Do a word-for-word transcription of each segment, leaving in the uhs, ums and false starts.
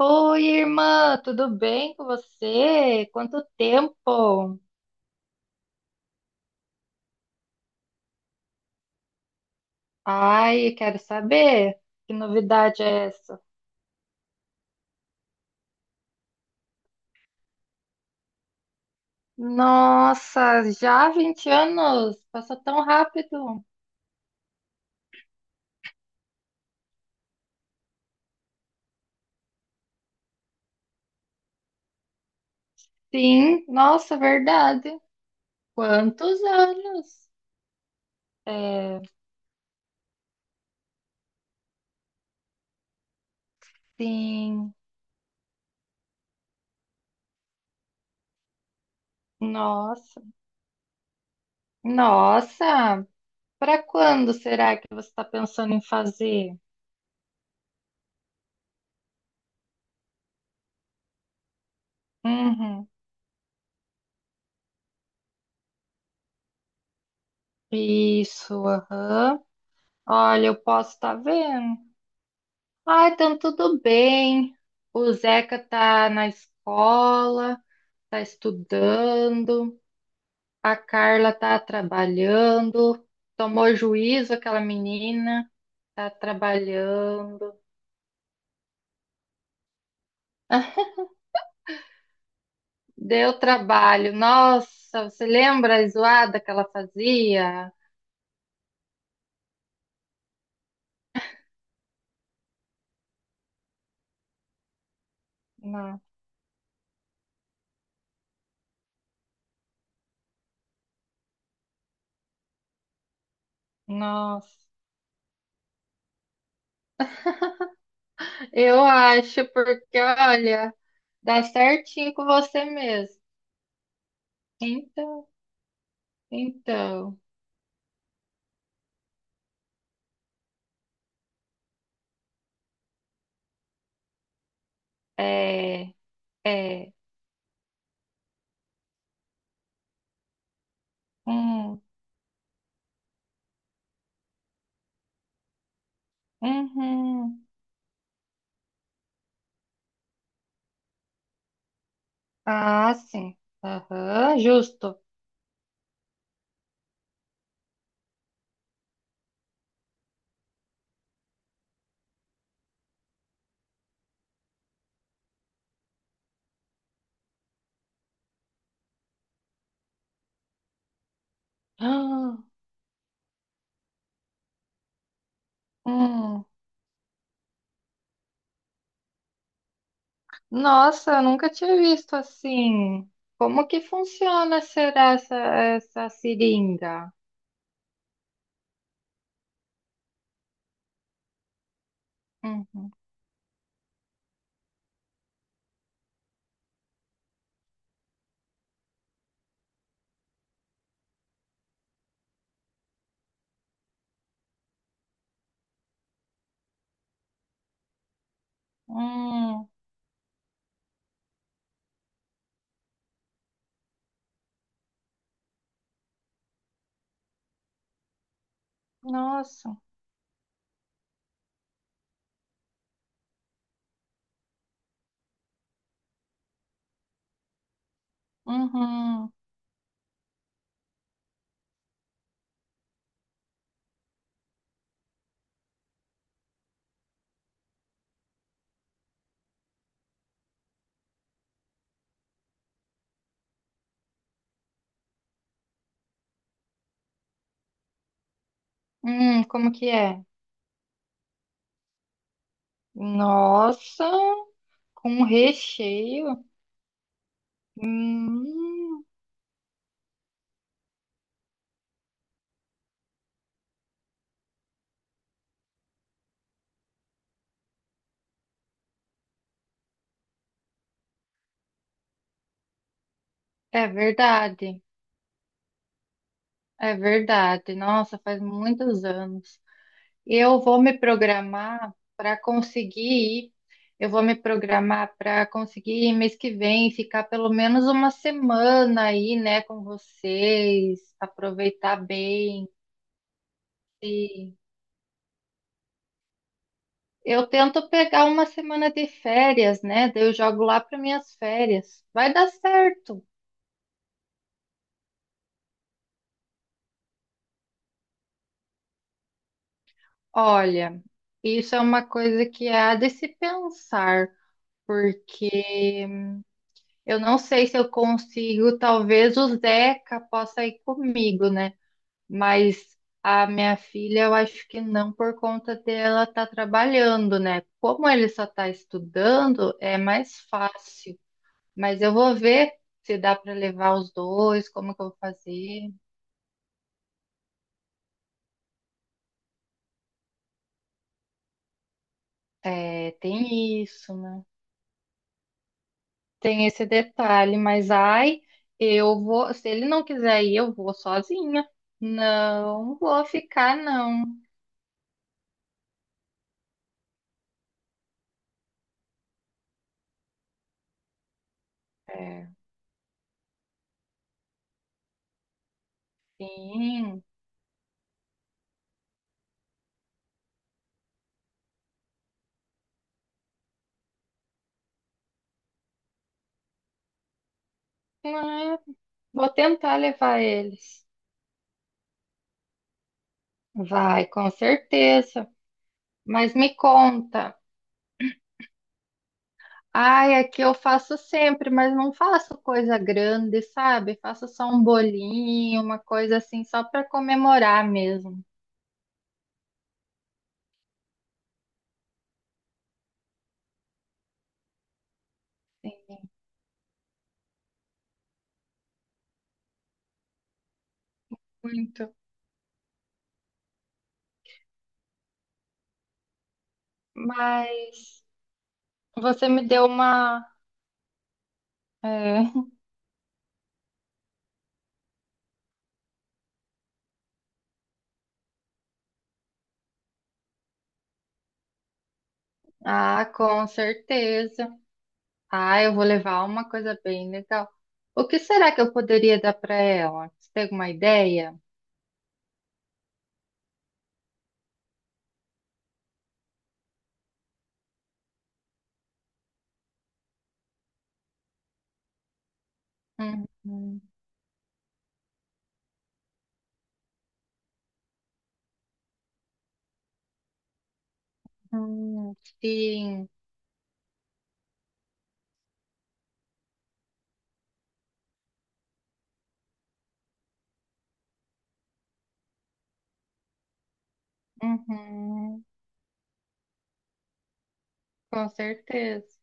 Oi, irmã, tudo bem com você? Quanto tempo? Ai, quero saber que novidade é essa? Nossa, já vinte anos? Passa tão rápido. Sim, nossa, verdade. Quantos anos? É, sim, nossa. Nossa, para quando será que você está pensando em fazer? Uhum. Isso, aham. Olha, eu posso estar vendo. Ah, então tudo bem. O Zeca tá na escola, tá estudando, a Carla tá trabalhando, tomou juízo aquela menina, tá trabalhando. Deu trabalho. Nossa, você lembra a zoada que ela fazia? Não. Nossa. Eu acho, porque olha, dá certinho com você mesmo. Então, então, é, é. Hum. Uhum. Ah, sim. Aham, justo. Ah, hum. Nossa, eu nunca tinha visto assim. Como que funciona será essa, essa seringa? Uhum. Hum. Nossa. Uhum. Hum, como que é? Nossa, com recheio. Hum, é verdade. É verdade. Nossa, faz muitos anos. Eu vou me programar para conseguir ir. Eu vou me programar para conseguir ir mês que vem, ficar pelo menos uma semana aí, né, com vocês, aproveitar bem. E eu tento pegar uma semana de férias, né? Daí eu jogo lá para minhas férias. Vai dar certo. Olha, isso é uma coisa que há de se pensar, porque eu não sei se eu consigo, talvez o Zeca possa ir comigo, né? Mas a minha filha, eu acho que não por conta dela estar trabalhando, né? Como ele só está estudando, é mais fácil. Mas eu vou ver se dá para levar os dois, como que eu vou fazer. É, tem isso, né? Tem esse detalhe, mas ai, eu vou, se ele não quiser ir, eu vou sozinha. Não vou ficar, não. É, sim. Ah, vou tentar levar eles. Vai, com certeza. Mas me conta. Ai, aqui eu faço sempre, mas não faço coisa grande, sabe? Faço só um bolinho, uma coisa assim, só para comemorar mesmo. Muito. Mas você me deu uma. É. Ah, com certeza. Ah, eu vou levar uma coisa bem legal. O que será que eu poderia dar para ela? Você tem alguma ideia? Uhum. Hum, sim. Uhum, com certeza.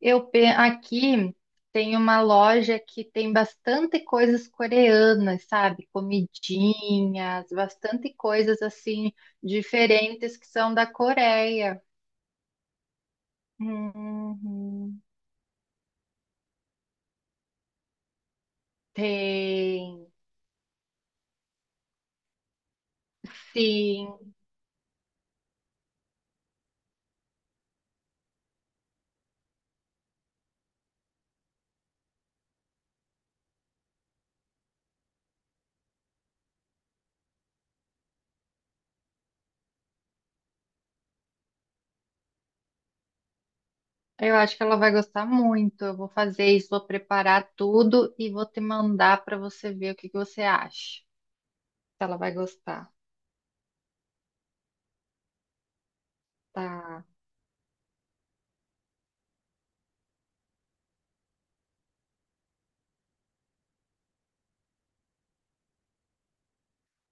Eu pe- aqui tem uma loja que tem bastante coisas coreanas, sabe? Comidinhas, bastante coisas assim diferentes que são da Coreia. Uhum. Tem, sim. Eu acho que ela vai gostar muito. Eu vou fazer isso, vou preparar tudo e vou te mandar para você ver o que que você acha. Se ela vai gostar. Tá.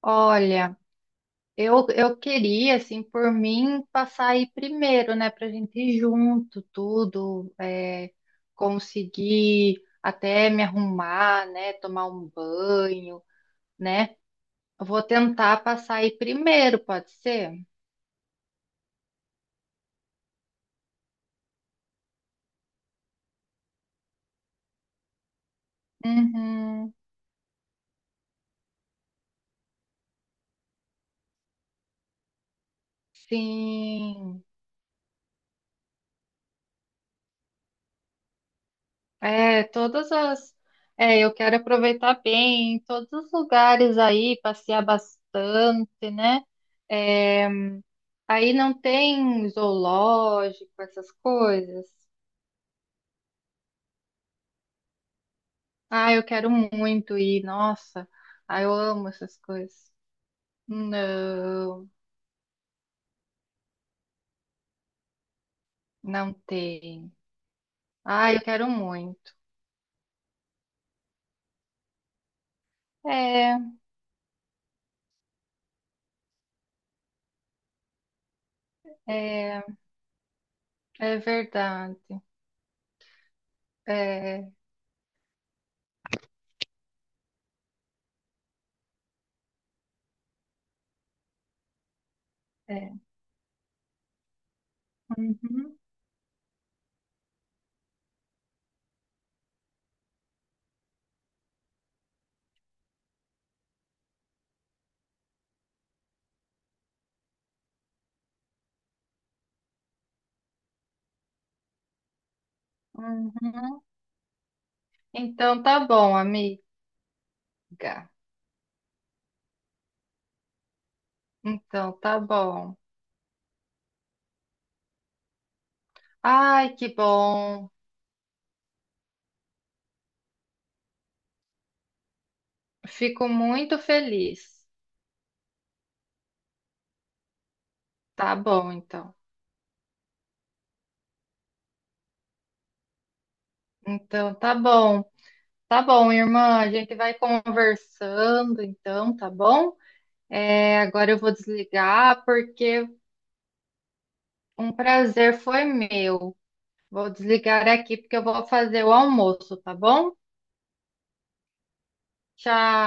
Olha, eu, eu queria, assim, por mim, passar aí primeiro, né, pra gente ir junto, tudo, é, conseguir até me arrumar, né, tomar um banho, né? Eu vou tentar passar aí primeiro, pode ser? Uhum, sim. É, todas as. É, eu quero aproveitar bem todos os lugares aí, passear bastante, né? É, aí não tem zoológico, essas coisas. Ah, eu quero muito ir, nossa. Ah, eu amo essas coisas. Não, não tem. Ah, eu quero muito. É, é, é verdade. É, é. Uhum, uhum. Então tá bom, amiga. Então tá bom. Ai, que bom. Fico muito feliz. Tá bom, então. Então tá bom. Tá bom, irmã, a gente vai conversando então, tá bom? É, agora eu vou desligar porque um prazer foi meu. Vou desligar aqui porque eu vou fazer o almoço, tá bom? Tchau.